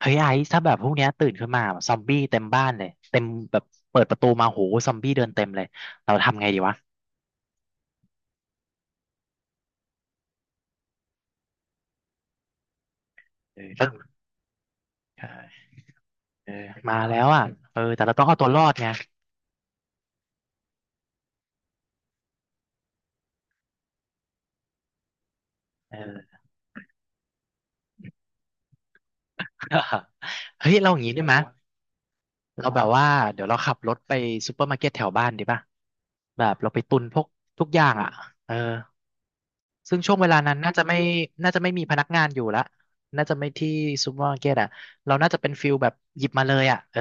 เฮ้ยไอซ์ถ้าแบบพวกเนี้ยตื่นขึ้นมาแบบซอมบี้เต็มบ้านเลยเต็มแบบเปิดประตูมาโหซอมบี้เดินเต็มเลยเราทำไงดีวะเออต้องเออมาแล้วอ่ะเออแต่เราต้องเอาตัวรอดไงเออ เฮ้ยเราอย่างนี้ได้ไหมยเราแบบว่าเดี๋ยวเราขับรถไปซูเปอร์มาร์เก็ตแถวบ้านดีป่ะแบบเราไปตุนพวกทุกอย่างอ่ะเออซึ่งช่วงเวลานั้นน่าจะไม่น่าจะไม่มีพนักงานอยู่ละน่าจะไม่ที่ซูเปอร์มาร์เก็ตอ่ะเราน่าจะเป็นฟิลแบบหยิบมาเลยอ่ะเออ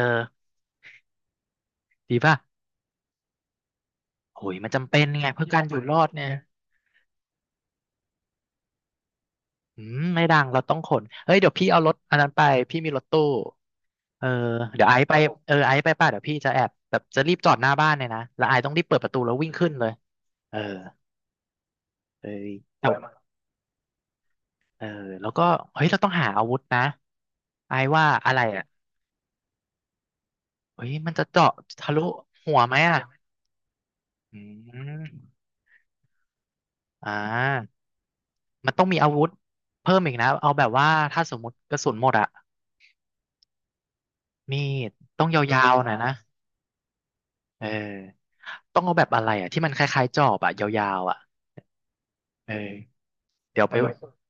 ดีป่ะ โอ้ยมันจำเป็นไงเพื่อการอยู่รอดเนี่ยอืมไม่ดังเราต้องขนเฮ้ยเดี๋ยวพี่เอารถอันนั้นไปพี่มีรถตู้เออเดี๋ยวไอซ์ไปเออไอซ์ไปป่ะเดี๋ยวพี่จะแอบแบบจะรีบจอดหน้าบ้านเลยนะแล้วไอซ์ต้องรีบเปิดประตูแล้ววิ่งขึ้นเลยเออเอ้ยแต่ว่าเออแล้วก็เฮ้ยเราต้องหาอาวุธนะไอซ์ว่าอะไรอ่ะเฮ้ยมันจะเจาะทะลุหัวไหมอ่ะอืมอ่ามันต้องมีอาวุธเพิ่มอีกนะเอาแบบว่าถ้าสมมติกระสุนหมดอะมีดต้องยาวๆหน่อยนะเออ ต้องเอาแบบอะไรอ่ะที่มันคล้ายๆจอบอ่ะยาวๆอ่ะเออเดี๋ยวไปเอาแบบ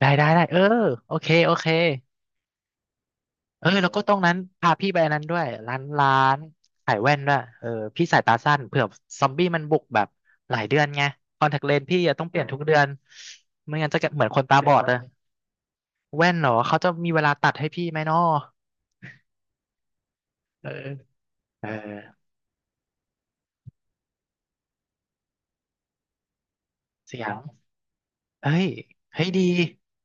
ได้ได้ได้เออโอเคโอเคเออแล้วก็ตรงนั้นพาพี่ไปอันนั้นด้วยร้านร้านขายแว่นด้วยเออพี่สายตาสั้นเผื่อซอมบี้มันบุกแบบหลายเดือนไงคอนแทคเลนส์พี่อะต้องเปลี่ยนทุกเดือนไม่งั้นจะเหมือนคนตาบอดเลยแว่นเหรอเขาจะมีเวลาตัดให้พี่ไหมน้อเออเออเสียงเฮ้ยเฮ้ยดี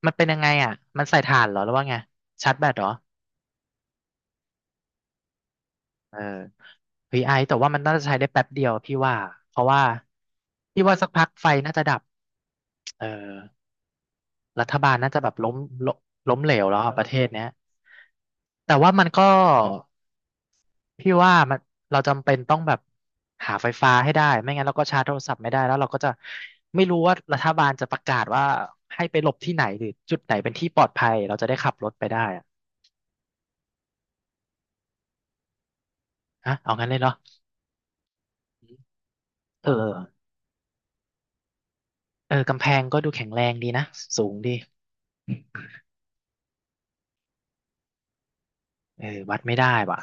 มันเป็นยังไงอ่ะมันใส่ถ่านเหรอหรือว่าไงชาร์จแบตเหรอ เออวีไ i แต่ว่ามันน่าจะใช้ได้แป๊บเดียวพี่ว่าเพราะว่าพี่ว่าสักพักไฟน่าจะดับเออรัฐบาลน่าจะแบบล้มล้มล้มเหลวแล้วอะประเทศเนี้ยแต่ว่ามันก็พี่ว่าเราจำเป็นต้องแบบหาไฟฟ้าให้ได้ไม่งั้นเราก็ชาร์จโทรศัพท์ไม่ได้แล้วเราก็จะไม่รู้ว่ารัฐบาลจะประกาศว่าให้ไปหลบที่ไหนหรือจุดไหนเป็นที่ปลอดภัยเราจะได้ขับรถไปได้อะฮะเอางั้นเลยเนาะเออเออกำแพงก็ดูแข็งแรงดีนะสูงดี เออวัดไม่ได้ว่ะ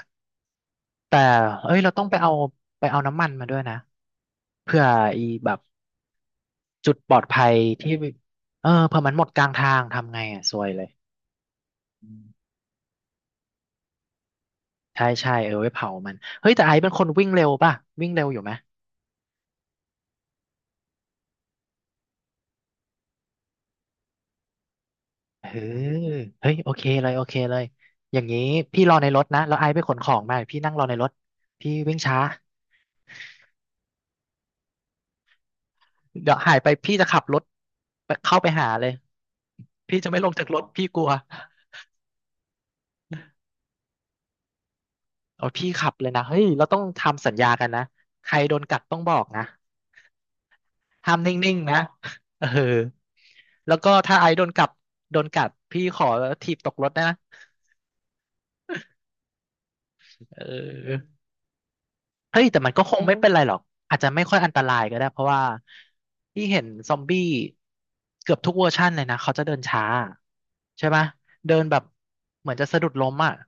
แต่เอ้ยเราต้องไปเอาไปเอาน้ำมันมาด้วยนะเพื่ออีแบบจุดปลอดภัยที่เออเผื่อมันหมดกลางทางทำไงอ่ะซวยเลยอืมใช่ใช่เออไว้เผามันเฮ้ยแต่ไอซ์เป็นคนวิ่งเร็วป่ะวิ่งเร็วอยู่ไหมเออเฮ้ยโอเคเลยโอเคเลยอย่างนี้พี่รอในรถนะแล้วไอซ์ไปขนของมาพี่นั่งรอในรถพี่วิ่งช้าเดี๋ยวหายไปพี่จะขับรถไปเข้าไปหาเลยพี่จะไม่ลงจากรถพี่กลัว โอ้ยพี่ขับเลยนะเฮ้ยเราต้องทำสัญญากันนะใครโดนกัดต้องบอกนะห้ามนิ่งๆนะเออแล้วก็ถ้าไอซ์โดนกัดโดนกัดพี่ขอถีบตกรถนะเออเฮ้ยแต่มันก็คงไม่เป็นไรหรอกอาจจะไม่ค่อยอันตรายก็ได้เพราะว่าพี่เห็นซอมบี้เกือบทุกเวอร์ชันเลยนะเขาจะเดินช้าใช่ไหมเดินแบบเหมือนจะสะดุดล้มอ่ะ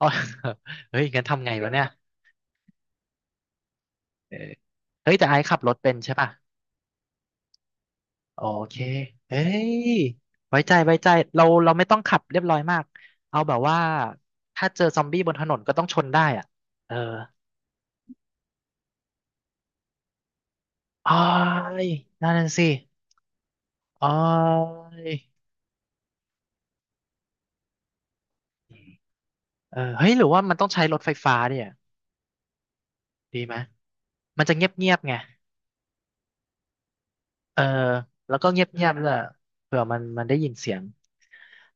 อ๋อเฮ้ยงั้นทำไงวะเนี่ยเออเฮ้ยแต่ไอซ์ขับรถเป็นใช่ป่ะ โอเคเอ้ยไว้ใจไว้ใจเราไม่ต้องขับเรียบร้อยมากเอาแบบว่าถ้าเจอซอมบี้บนถนนก็ต้องชนได้อ่ะเอออ้ายนั่นนะสิอ้ายเออเฮ้ยหรือว่ามันต้องใช้รถไฟฟ้าเนี่ยดีไหมมันจะเงียบเงียบไง เออแล้วก็เงียบๆด้วยเผื่อมันมันได้ยินเสียง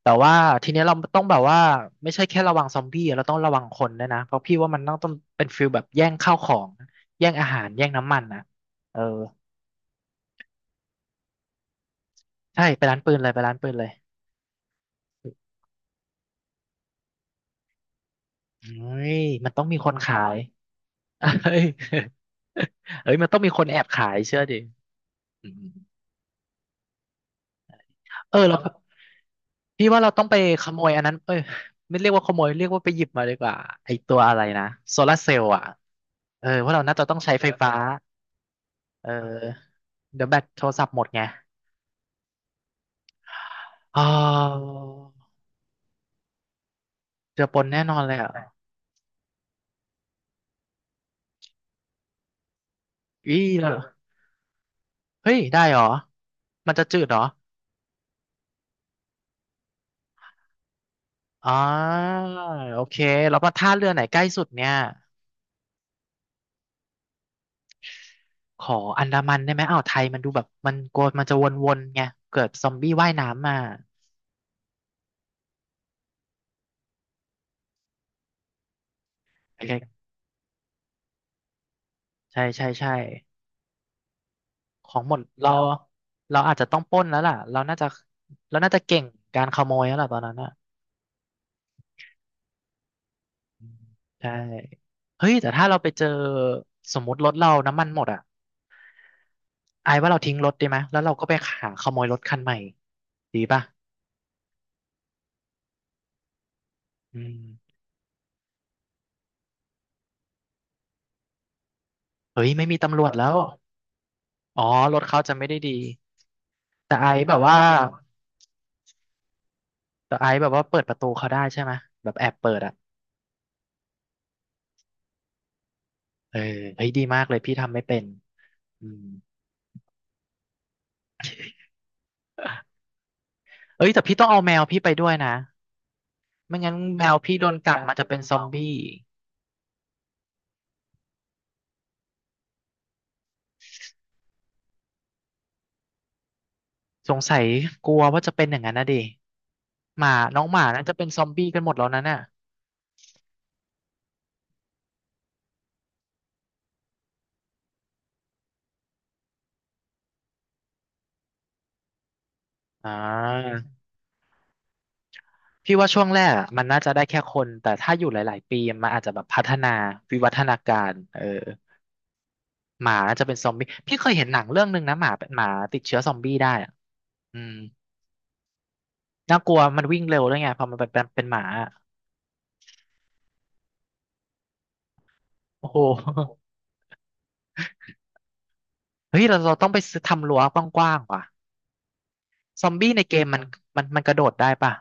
แต่ว่าทีเนี้ยเราต้องแบบว่าไม่ใช่แค่ระวังซอมบี้เราต้องระวังคนด้วยนะเพราะพี่ว่ามันต้องเป็นฟิลแบบแย่งข้าวของแย่งอาหารแย่งน้ำมันนะเออใช่ไปร้านปืนเลยไปร้านปืนเลยเฮ้ยมันต้องมีคนขาย เฮ้ยเอ้ยมันต้องมีคนแอบขายเชื่อดิอืมเออแล้ว พี่ว่าเราต้องไปขโมยอันนั้นเอ้ยไม่เรียกว่าขโมย เรียกว่าไปหยิบมาดีกว่าไอตัวอะไรนะโซลาเซลล์อ่ะ เออว่าะเราน่าจะต้องใช้ไฟฟ้าเออเดี๋ยวแบตโทรศัพท์หมดไงอ๋อเจือปนแน่นอนเลยอ่ะอี้แล้วเฮ้ย ได้เหรอ มันจะจืดเหรอ อ๋อ โอเคแล้วมาท่าเรือไหนใกล้สุดเนี่ย ขออันดามันได้ไหมอ่าวไทยมันดูแบบมันกลัวมันจะวนๆไงเกิดซอมบี้ว่ายน้ำมาโอเคใช่ใช่ใช่ ของหมดเราเราอาจจะต้องปล้นแล้วล่ะเราน่าจะเก่งการขโมยแล้วล่ะตอนนั้นอ่ะอืมใช่เฮ้ยแต่ถ้าเราไปเจอสมมติรถเราน้ำมันหมดอ่ะไอ้ว่าเราทิ้งรถดีไหมแล้วเราก็ไปหาขโมยรถคันใหม่ดีป่ะอืมเฮ้ยไม่มีตำรวจแล้วอ๋อรถเขาจะไม่ได้ดีแต่ไอ้แบบว่าแต่ไอ้แบบว่าเปิดประตูเขาได้ใช่ไหมแบบแอบเปิดอ่ะเออเฮ้ยดีมากเลยพี่ทำไม่เป็นอืมเอ้ยแต่พี่ต้องเอาแมวพี่ไปด้วยนะ ไม่งั้นแมวพี่โดนกัดมันจะเป็นซอมบี้สงสัยกลัวว่าจะเป็นอย่างนั้นนะดิหมาน้องหมาน่าจะเป็นซอมบี้กันหมดแล้วนั่นน่ะอ่าพี่ว่าช่วงแรกอะมันน่าจะได้แค่คนแต่ถ้าอยู่หลาย ๆ ปีมันอาจจะแบบพัฒนาวิวัฒนาการเออหมาน่าจะเป็นซอมบี้พี่เคยเห็นหนังเรื่องหนึ่งนะหมาเป็นหมาติดเชื้อซอมบี้ได้อะอืมน่ากลัวมันวิ่งเร็วด้วยไงพอมันเป็นหมาอะโอ้โหเฮ้ยเราเราต้องไปซื้อทำรั้วกว้างๆว่ะซอมบี้ในเกมมันมันกระโดดได้ป่ะ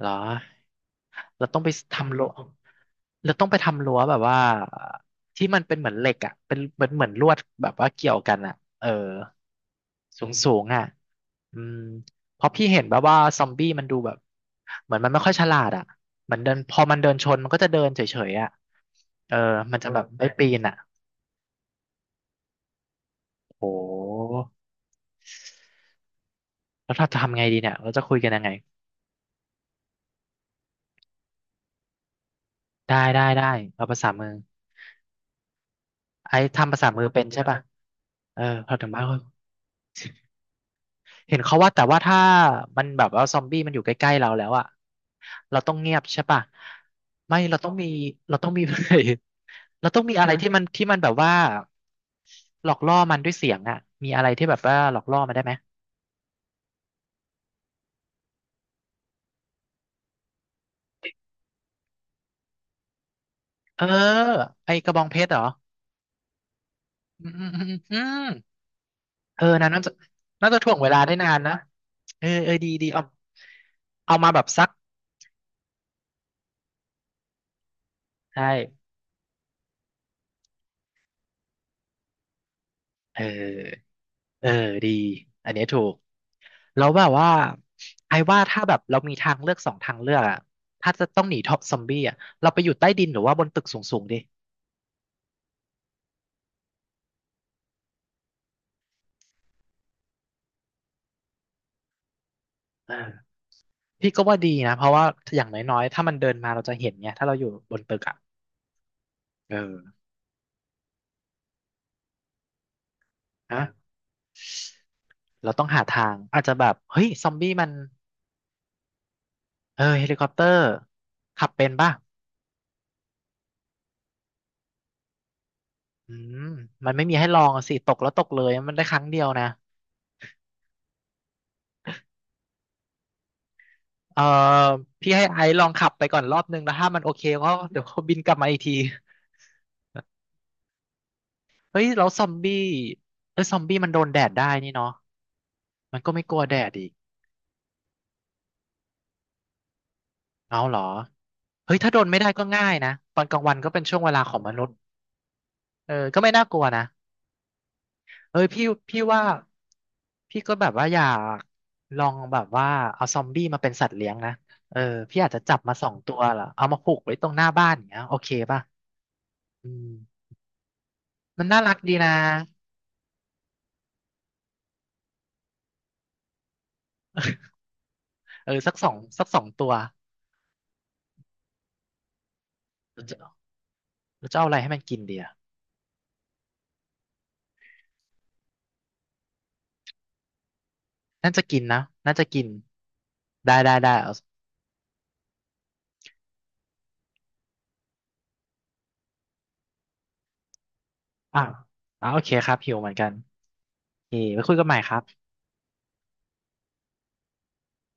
เหรอ เราต้องไปทำรั้วเราต้องไปทำรั้วแบบว่าที่มันเป็นเหมือนเหล็กอ่ะเป็นเหมือนเหมือนลวดแบบว่าเกี่ยวกันอ่ะเออสูงสูงอ่ะอืมเพราะพี่เห็นแบบว่าซอมบี้มันดูแบบเหมือนมันไม่ค่อยฉลาดอ่ะเหมือนเดินพอมันเดินชนมันก็จะเดินเฉยๆอ่ะเออมันจะแบบไม่ปีนอ่ะโหแล้วถ้าจะทำไงดีเนี่ยเราจะคุยกันยังไงได้ได้ได้เอาภาษามือไอ้ทำภาษามือเป็นใช่ป่ะเออพอถึงบ้าน เห็นเขาว่าแต่ว่าถ้ามันแบบว่าซอมบี้มันอยู่ใกล้ๆเราแล้วอะเราต้องเงียบใช่ปะไม่เราต้องมีเราต้องมี เราต้องมีอะไรที่มันที่มันแบบว่าหลอกล่อมันด้วยเสียงอะมีอะไรที่แบบว่าหลอกล่อมันได้ไหมเออไอกระบองเพชรเหรออืมเออนะน่าจะน่าจะถ่วงเวลาได้นานนะเออเออดีดีเอาเอามาแบบซักใช่เออเออดีอันเนี้ยถูก แล้วแบบว่าไอ้ว่าถ้าแบบเรามีทางเลือกสองทางเลือกอะถ้าจะต้องหนีท็อปซอมบี้อะเราไปอยู่ใต้ดินหรือว่าบนตึกสูงๆดิเออพี่ก็ว่าดีนะเพราะว่าอย่างน้อยๆถ้ามันเดินมาเราจะเห็นไงถ้าเราอยู่บนตึกอะเออนะเราต้องหาทางอาจจะแบบเฮ้ยซอมบี้มันเออเฮลิคอปเตอร์ขับเป็นป่ะอืมมันไม่มีให้ลองอะสิตกแล้วตกเลยมันได้ครั้งเดียวนะเออพี่ให้ไอซ์ลองขับไปก่อนรอบนึงแล้วถ้ามันโอเคก็เดี๋ยวเขาบินกลับมาอีกที เฮ้ยแล้วซอมบี้เอ้ยซอมบี้มันโดนแดดได้นี่เนาะมันก็ไม่กลัวแดดอีกเอาเหรอเฮ้ยถ้าโดนไม่ได้ก็ง่ายนะตอนกลางวันก็เป็นช่วงเวลาของมนุษย์เออก็ไม่น่ากลัวนะเอ้ยพี่ว่าพี่ก็แบบว่าอยากลองแบบว่าเอาซอมบี้มาเป็นสัตว์เลี้ยงนะเออพี่อาจจะจับมาสองตัวเหรอเอามาผูกไว้ตรงหน้าบ้านอย่างเงี้ยโอเคป่ะอืมมันน่ารักดีนะเออสักสองสักสองตัวเราจะเราจะเอาอะไรให้มันกินดีอะ น่าจะกินนะน่าจะกิน ได้ได้ได้เอาอ่ะอ่ะโอเคครับหิวเหมือนกันโอเคไว้คุยกันใหม่ครับ